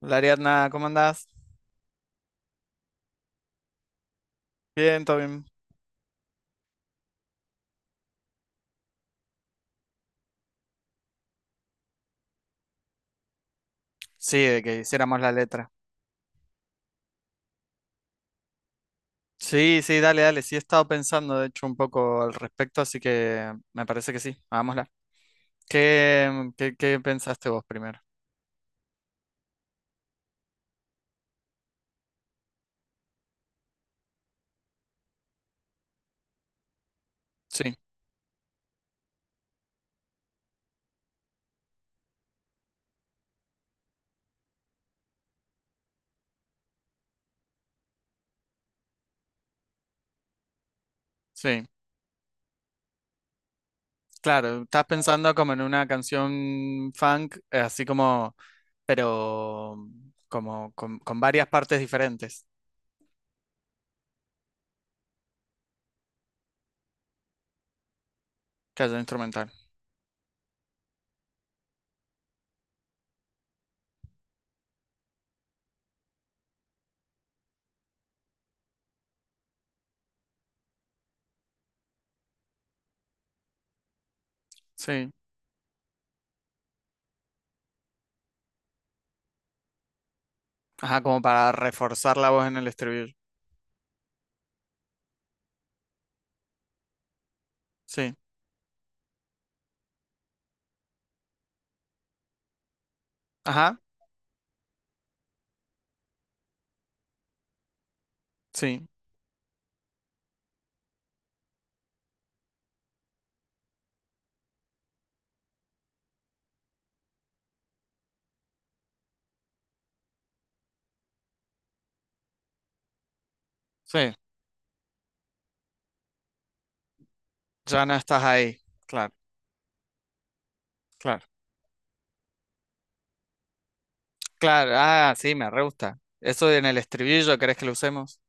Hola Ariadna, ¿cómo andás? Bien, todo bien. Sí, de que hiciéramos la letra. Sí, sí, dale, dale. Sí, he estado pensando, de hecho, un poco al respecto, así que me parece que sí, hagámosla. ¿Qué pensaste vos primero? Sí, sí. Claro, estás pensando como en una canción funk, así como, pero como con varias partes diferentes que haya instrumental. Sí. Ajá, como para reforzar la voz en el estribillo. Sí. Ajá, sí. Sí. Ya no estás ahí. Claro, claro. Claro, ah, sí, me re gusta. Eso en el estribillo, ¿querés que lo usemos?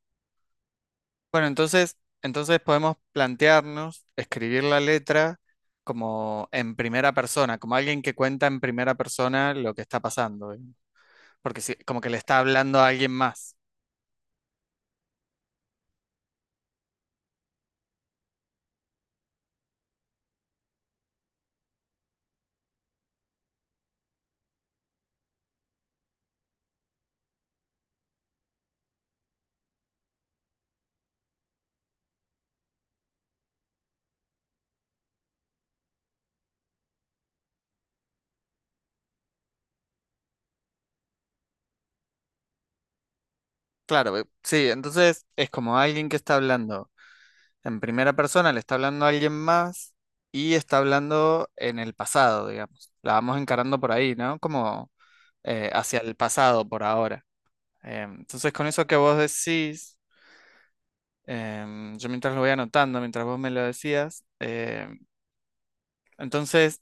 Bueno, entonces, entonces podemos plantearnos escribir la letra como en primera persona, como alguien que cuenta en primera persona lo que está pasando, ¿eh? Porque sí, como que le está hablando a alguien más. Claro, sí, entonces es como alguien que está hablando. En primera persona le está hablando a alguien más y está hablando en el pasado, digamos. La vamos encarando por ahí, ¿no? Como hacia el pasado por ahora. Entonces, con eso que vos decís, yo mientras lo voy anotando, mientras vos me lo decías, entonces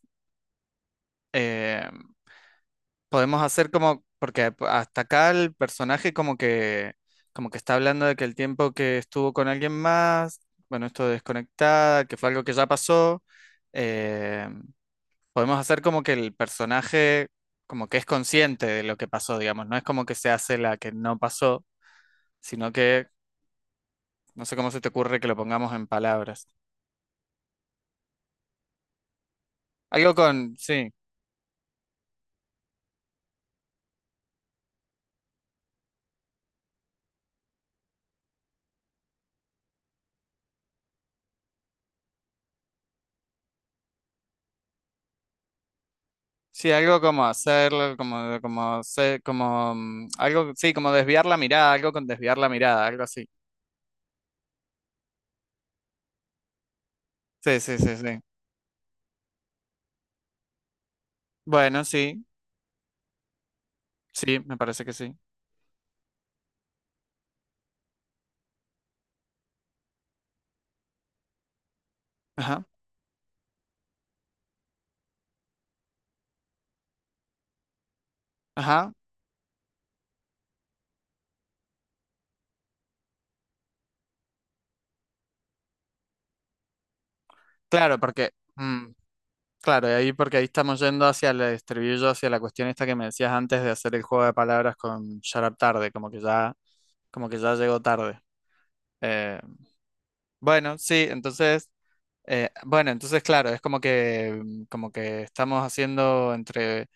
em, podemos hacer como, porque hasta acá el personaje como que está hablando de que el tiempo que estuvo con alguien más, bueno, esto de desconectada, que fue algo que ya pasó. em, Podemos hacer como que el personaje como que es consciente de lo que pasó, digamos. No es como que se hace la que no pasó, sino que no sé cómo se te ocurre que lo pongamos en palabras. Algo con, sí, sí, algo como hacerlo, como, mm, algo, sí, como desviar la mirada, algo con desviar la mirada, algo así. Sí, sí, sí, sí. Bueno, sí, sí, me parece que sí. Ajá, ajá. Claro, porque, claro, y ahí porque ahí estamos yendo hacia el estribillo, hacia la cuestión esta que me decías antes de hacer el juego de palabras con Shut Up Tarde, como que ya llegó tarde. Eh, bueno, sí, entonces, bueno, entonces claro, es como que, como que estamos haciendo entre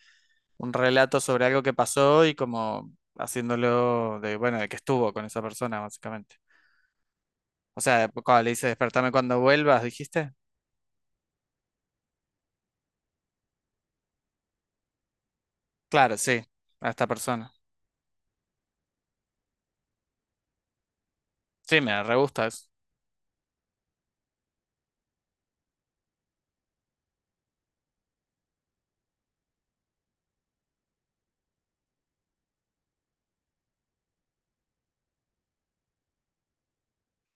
un relato sobre algo que pasó y como haciéndolo de, bueno, de que estuvo con esa persona, básicamente. O sea, cuando le dice despertame cuando vuelvas, dijiste, claro, sí, a esta persona. Sí, me re gusta eso.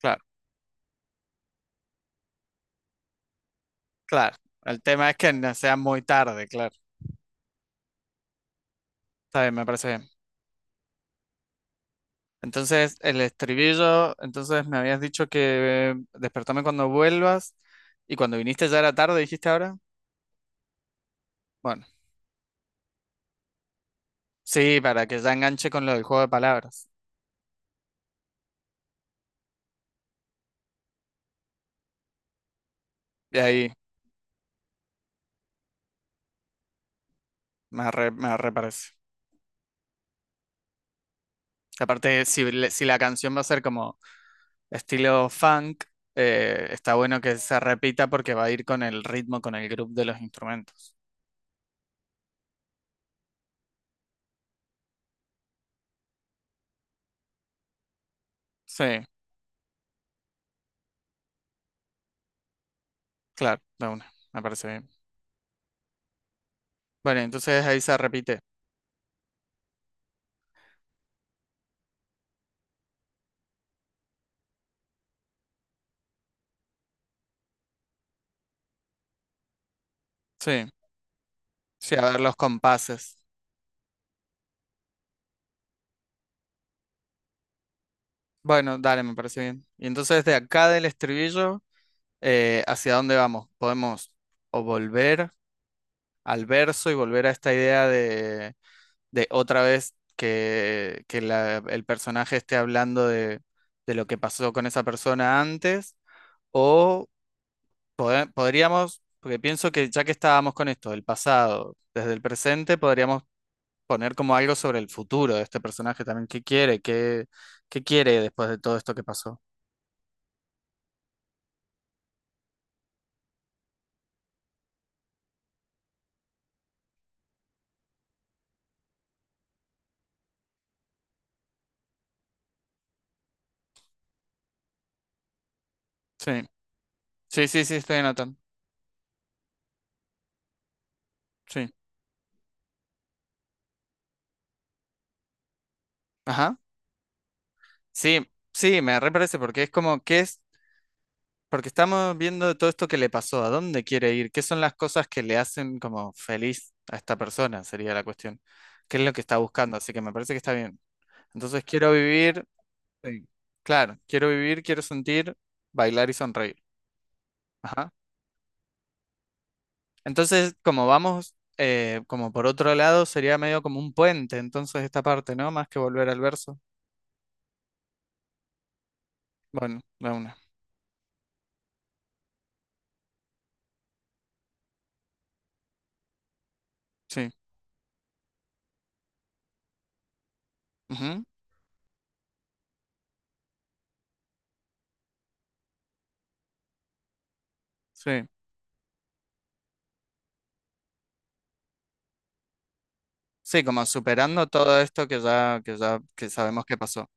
Claro. Claro, el tema es que no sea muy tarde, claro. Está bien, me parece bien. Entonces, el estribillo, entonces me habías dicho que despertame cuando vuelvas y cuando viniste ya era tarde, dijiste ahora. Bueno, sí, para que ya enganche con lo del juego de palabras. Y ahí me arre parece. Aparte, si, si la canción va a ser como estilo funk, está bueno que se repita porque va a ir con el ritmo, con el grupo de los instrumentos. Sí, claro, de una, me parece bien. Bueno, entonces ahí se repite. Sí, sí, a ver los compases. Bueno, dale, me parece bien. Y entonces de acá del estribillo, ¿hacia dónde vamos? Podemos o volver al verso y volver a esta idea de otra vez que, el personaje esté hablando de lo que pasó con esa persona antes, o podríamos, porque pienso que ya que estábamos con esto, el pasado, desde el presente, podríamos poner como algo sobre el futuro de este personaje también. ¿Qué quiere? ¿Qué, qué quiere después de todo esto que pasó? Sí, sí, sí, sí, estoy anotando. Sí. Ajá. Sí, sí, me reparece porque es como que es, porque estamos viendo todo esto que le pasó, a dónde quiere ir, qué son las cosas que le hacen como feliz a esta persona, sería la cuestión. ¿Qué es lo que está buscando? Así que me parece que está bien. Entonces quiero vivir, sí, claro, quiero vivir, quiero sentir, bailar y sonreír. Ajá. Entonces, como vamos, como por otro lado, sería medio como un puente, entonces esta parte, ¿no? Más que volver al verso. Bueno, la una. Sí. Ujú, sí. Sí, como superando todo esto que ya, que ya, que sabemos que pasó.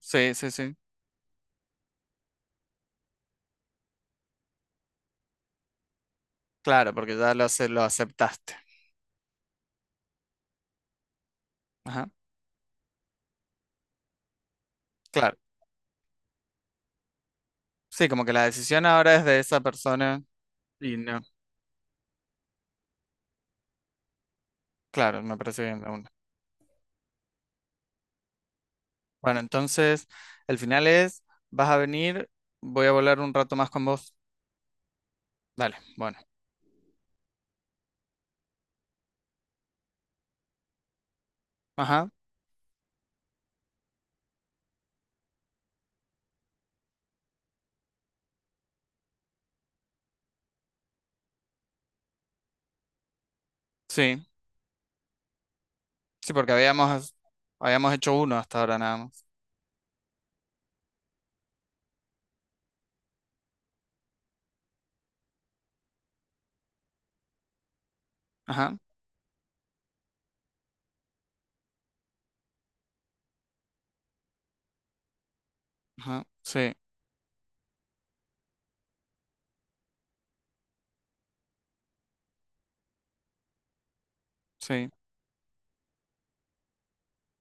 Sí, sí, sí. Claro, porque ya lo, lo aceptaste. Ajá. Claro. Sí, como que la decisión ahora es de esa persona y no. Claro, me parece bien la una. Bueno, entonces, el final es, vas a venir, voy a volar un rato más con vos. Dale, bueno. Ajá. Sí. Sí, porque habíamos, habíamos hecho uno hasta ahora nada más. Ajá, ajá, sí, sí,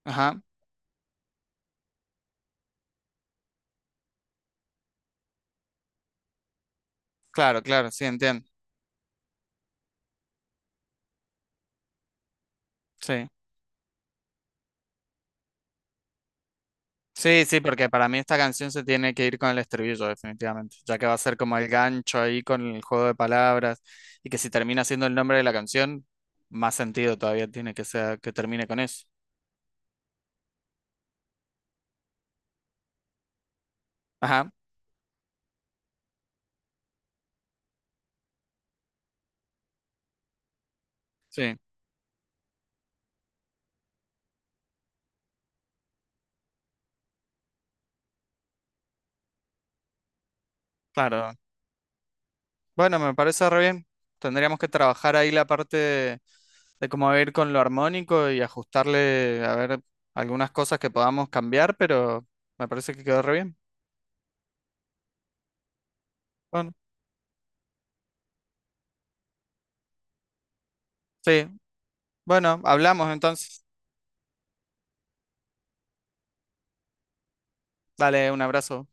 ajá. Claro, claro, sí, entiendo. Sí. Sí, sí, porque para mí esta canción se tiene que ir con el estribillo, definitivamente, ya que va a ser como el gancho ahí con el juego de palabras y que si termina siendo el nombre de la canción, más sentido todavía tiene que sea que termine con eso. Ajá, sí, claro. Bueno, me parece re bien. Tendríamos que trabajar ahí la parte de cómo ir con lo armónico y ajustarle, a ver, algunas cosas que podamos cambiar, pero me parece que quedó re bien. Bueno, sí, bueno, hablamos entonces. Dale un abrazo.